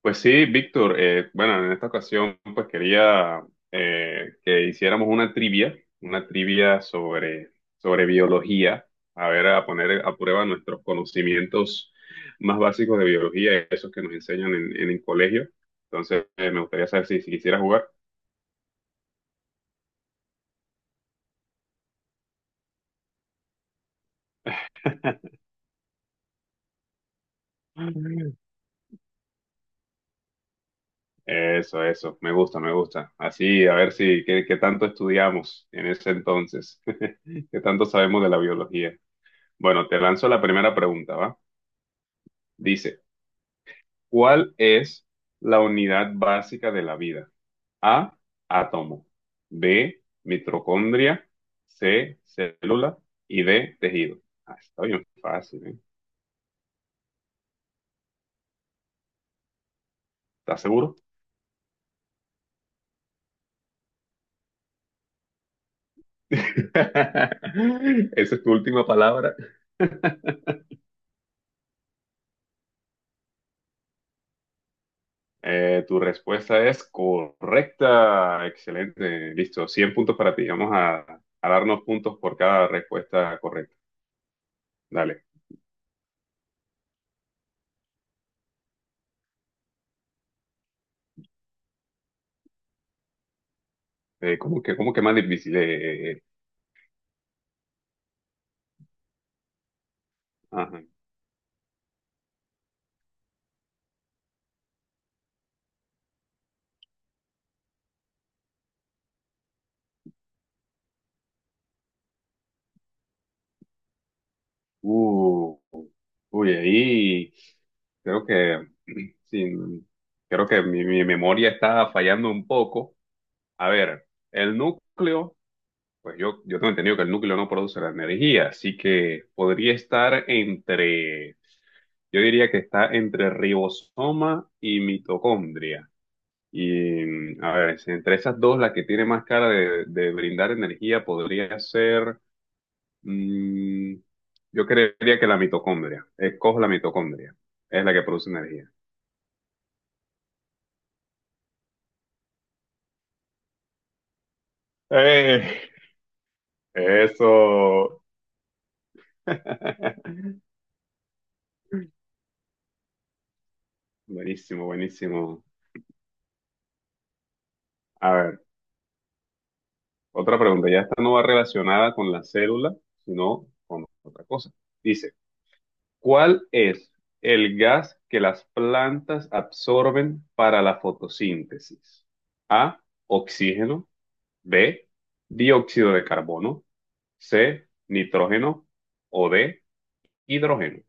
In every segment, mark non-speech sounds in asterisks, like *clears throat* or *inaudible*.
Pues sí, Víctor, bueno, en esta ocasión pues quería que hiciéramos una trivia sobre, sobre biología, a ver, a poner a prueba nuestros conocimientos más básicos de biología, esos que nos enseñan en el colegio. Entonces, me gustaría saber si quisiera jugar. Mm. Eso, me gusta, me gusta. Así, a ver si, qué tanto estudiamos en ese entonces, *laughs* qué tanto sabemos de la biología. Bueno, te lanzo la primera pregunta, ¿va? Dice. ¿Cuál es la unidad básica de la vida? A, átomo. B, mitocondria. C, célula. Y D, tejido. Ah, está bien fácil, ¿eh? ¿Estás seguro? *laughs* Esa es tu última palabra. *laughs* Tu respuesta es correcta. Excelente. Listo. 100 puntos para ti. Vamos a darnos puntos por cada respuesta correcta. Dale. ¿Cómo que más difícil? Eh. Eh. Ajá. Uh. Uy, ahí creo que *clears throat* sin creo que mi memoria está fallando un poco. A ver, el núcleo, pues yo tengo entendido que el núcleo no produce la energía, así que podría estar entre, yo diría que está entre ribosoma y mitocondria. Y a ver, si entre esas dos, la que tiene más cara de brindar energía podría ser, mm, yo creería que la mitocondria. Escojo la mitocondria, es la que produce energía. Eh, Eso. *laughs* Buenísimo, buenísimo. A ver, otra pregunta. Ya esta no va relacionada con la célula, sino con otra cosa. Dice, ¿cuál es el gas que las plantas absorben para la fotosíntesis? A, oxígeno, B, dióxido de carbono, C, nitrógeno o D, hidrógeno.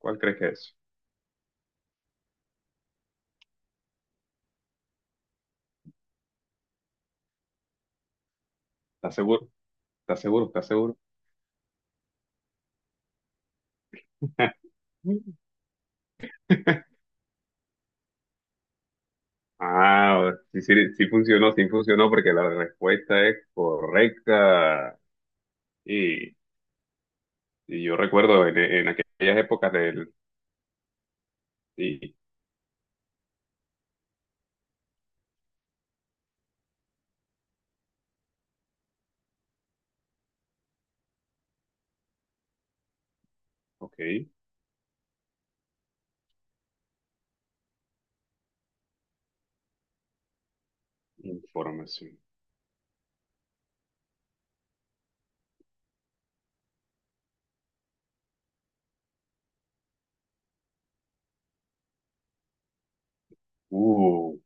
¿Cuál crees que es? ¿Estás seguro? ¿Estás seguro? ¿Estás seguro? *laughs* Ah, sí, sí, sí funcionó porque la respuesta es correcta. Y, y yo recuerdo en aquellas épocas del... Sí, ok, información. Uh,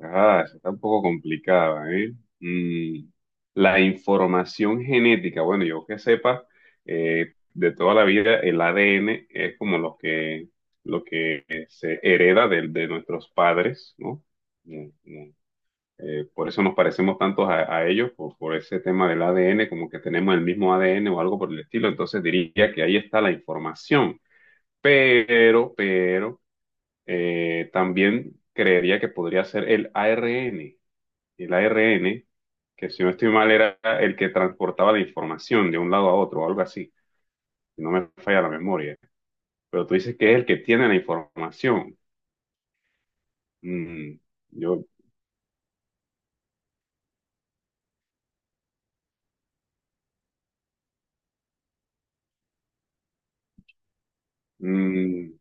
ah, esa está un poco complicada, ¿eh? Mm, la información genética, bueno, yo que sepa, de toda la vida el ADN es como lo que se hereda de nuestros padres, ¿no? Por eso nos parecemos tantos a ellos, por ese tema del ADN, como que tenemos el mismo ADN o algo por el estilo. Entonces diría que ahí está la información. Pero, también creería que podría ser el ARN. El ARN, que si no estoy mal, era el que transportaba la información de un lado a otro, o algo así. Si no me falla la memoria. Pero tú dices que es el que tiene la información. Mm, yo mm,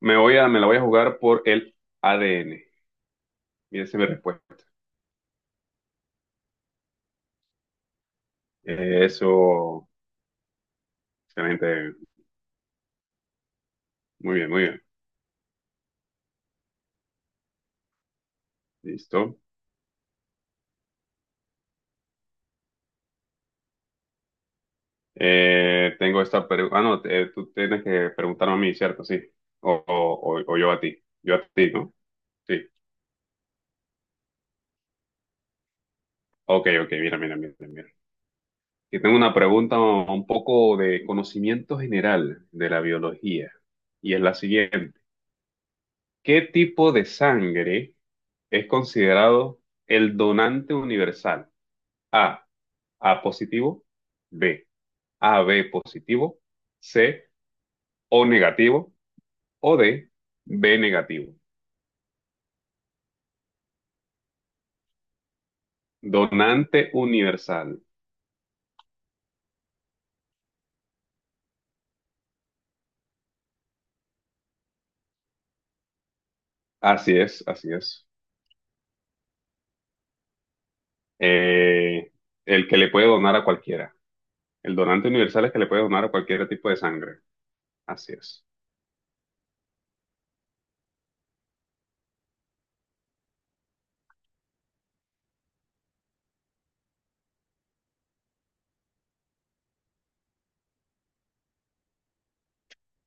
me voy a, me la voy a jugar por el ADN. Y esa es mi respuesta. Eso, excelente. Muy bien, muy bien. Listo. Tengo esta pregunta. Ah, no, tú tienes que preguntarme a mí, ¿cierto? Sí. O, o yo a ti. Yo a ti, ¿no? Sí. Ok, ok, mira, mira, mira, mira. Aquí tengo una pregunta un poco de conocimiento general de la biología. Y es la siguiente. ¿Qué tipo de sangre es considerado el donante universal? A, A positivo. B, A B positivo, C O negativo o D B negativo. Donante universal. Así es, así es. Eh, el que le puede donar a cualquiera. El donante universal es que le puede donar a cualquier tipo de sangre. Así es.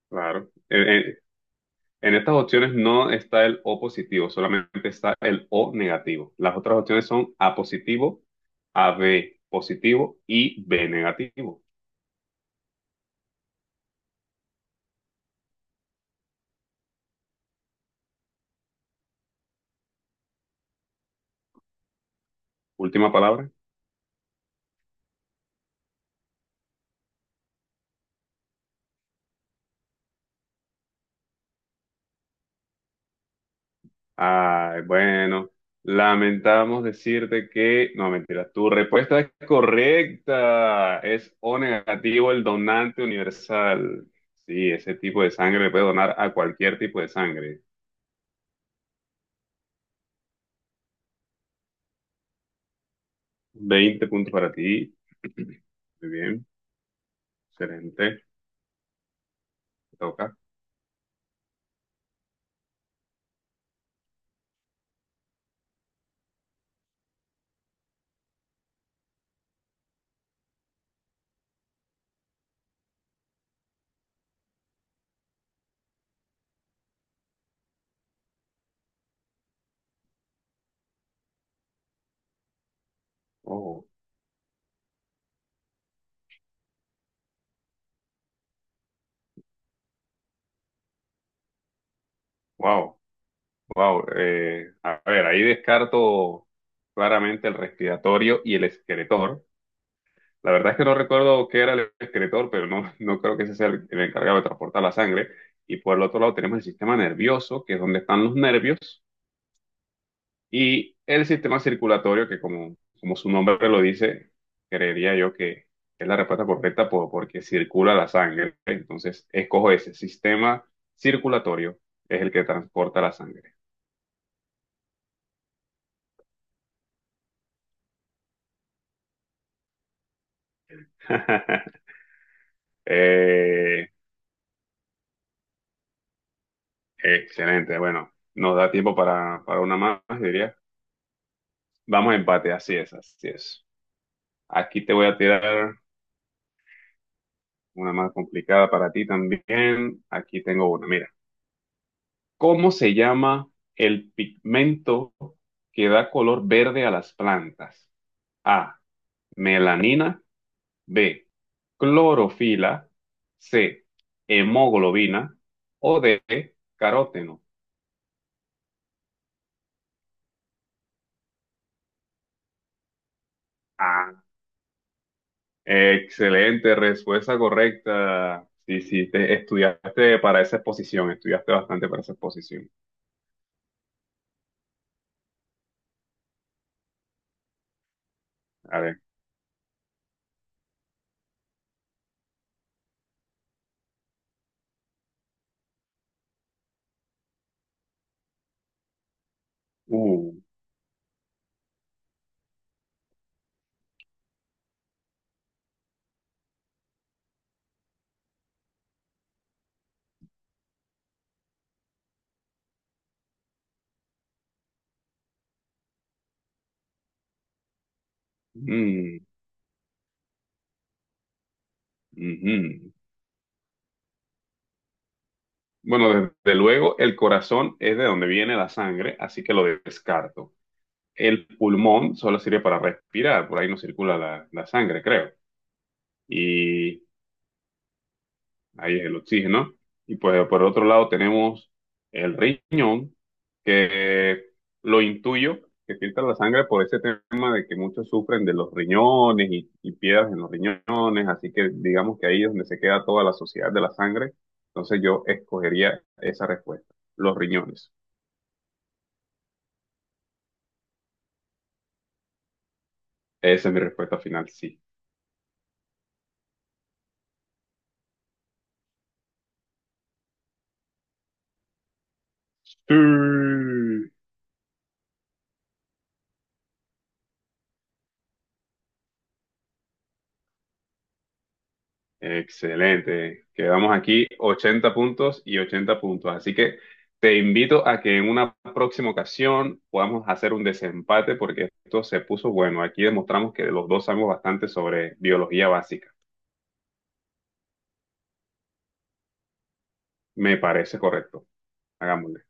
Claro. En estas opciones no está el O positivo, solamente está el O negativo. Las otras opciones son A positivo, A B positivo y B negativo. Última palabra. Ay, bueno, lamentamos decirte que, no, mentira, tu respuesta es correcta. Es O negativo el donante universal. Sí, ese tipo de sangre le puede donar a cualquier tipo de sangre. 20 puntos para ti. *clears throat* Muy bien, excelente. Te toca. Oh, wow, wow. Eh, a ver, ahí descarto claramente el respiratorio y el esqueletor. La verdad es que no recuerdo qué era el excretor, pero no, *laughs* no creo que ese sea el encargado de transportar la sangre. Y por el otro lado tenemos el sistema nervioso, que es donde están los nervios, y el sistema circulatorio, que como, como su nombre lo dice, creería yo que es la respuesta correcta porque circula la sangre. Entonces, escojo ese sistema circulatorio, es el que transporta la sangre. *laughs* Eh, Excelente, bueno, nos da tiempo para una más, diría. Vamos a empate, así es, así es. Aquí te voy a tirar una más complicada para ti también. Aquí tengo una. Mira, ¿cómo se llama el pigmento que da color verde a las plantas? A, melanina, B, clorofila, C, hemoglobina o D, caróteno. Ah, excelente, respuesta correcta. Sí, sí, te estudiaste para esa exposición, estudiaste bastante para esa exposición. A ver. Uh, mm. Ujú. Bueno, desde luego el corazón es de donde viene la sangre, así que lo descarto. El pulmón solo sirve para respirar, por ahí no circula la, la sangre, creo. Ahí es el oxígeno. Y pues por otro lado tenemos el riñón, que lo intuyo, que filtra la sangre por ese tema de que muchos sufren de los riñones y piedras en los riñones, así que digamos que ahí es donde se queda toda la sociedad de la sangre. Entonces yo escogería esa respuesta, los riñones. Esa es mi respuesta final, sí. Sí. Excelente. Quedamos aquí 80 puntos y 80 puntos. Así que te invito a que en una próxima ocasión podamos hacer un desempate porque esto se puso bueno. Aquí demostramos que los dos sabemos bastante sobre biología básica. Me parece correcto. Hagámoslo.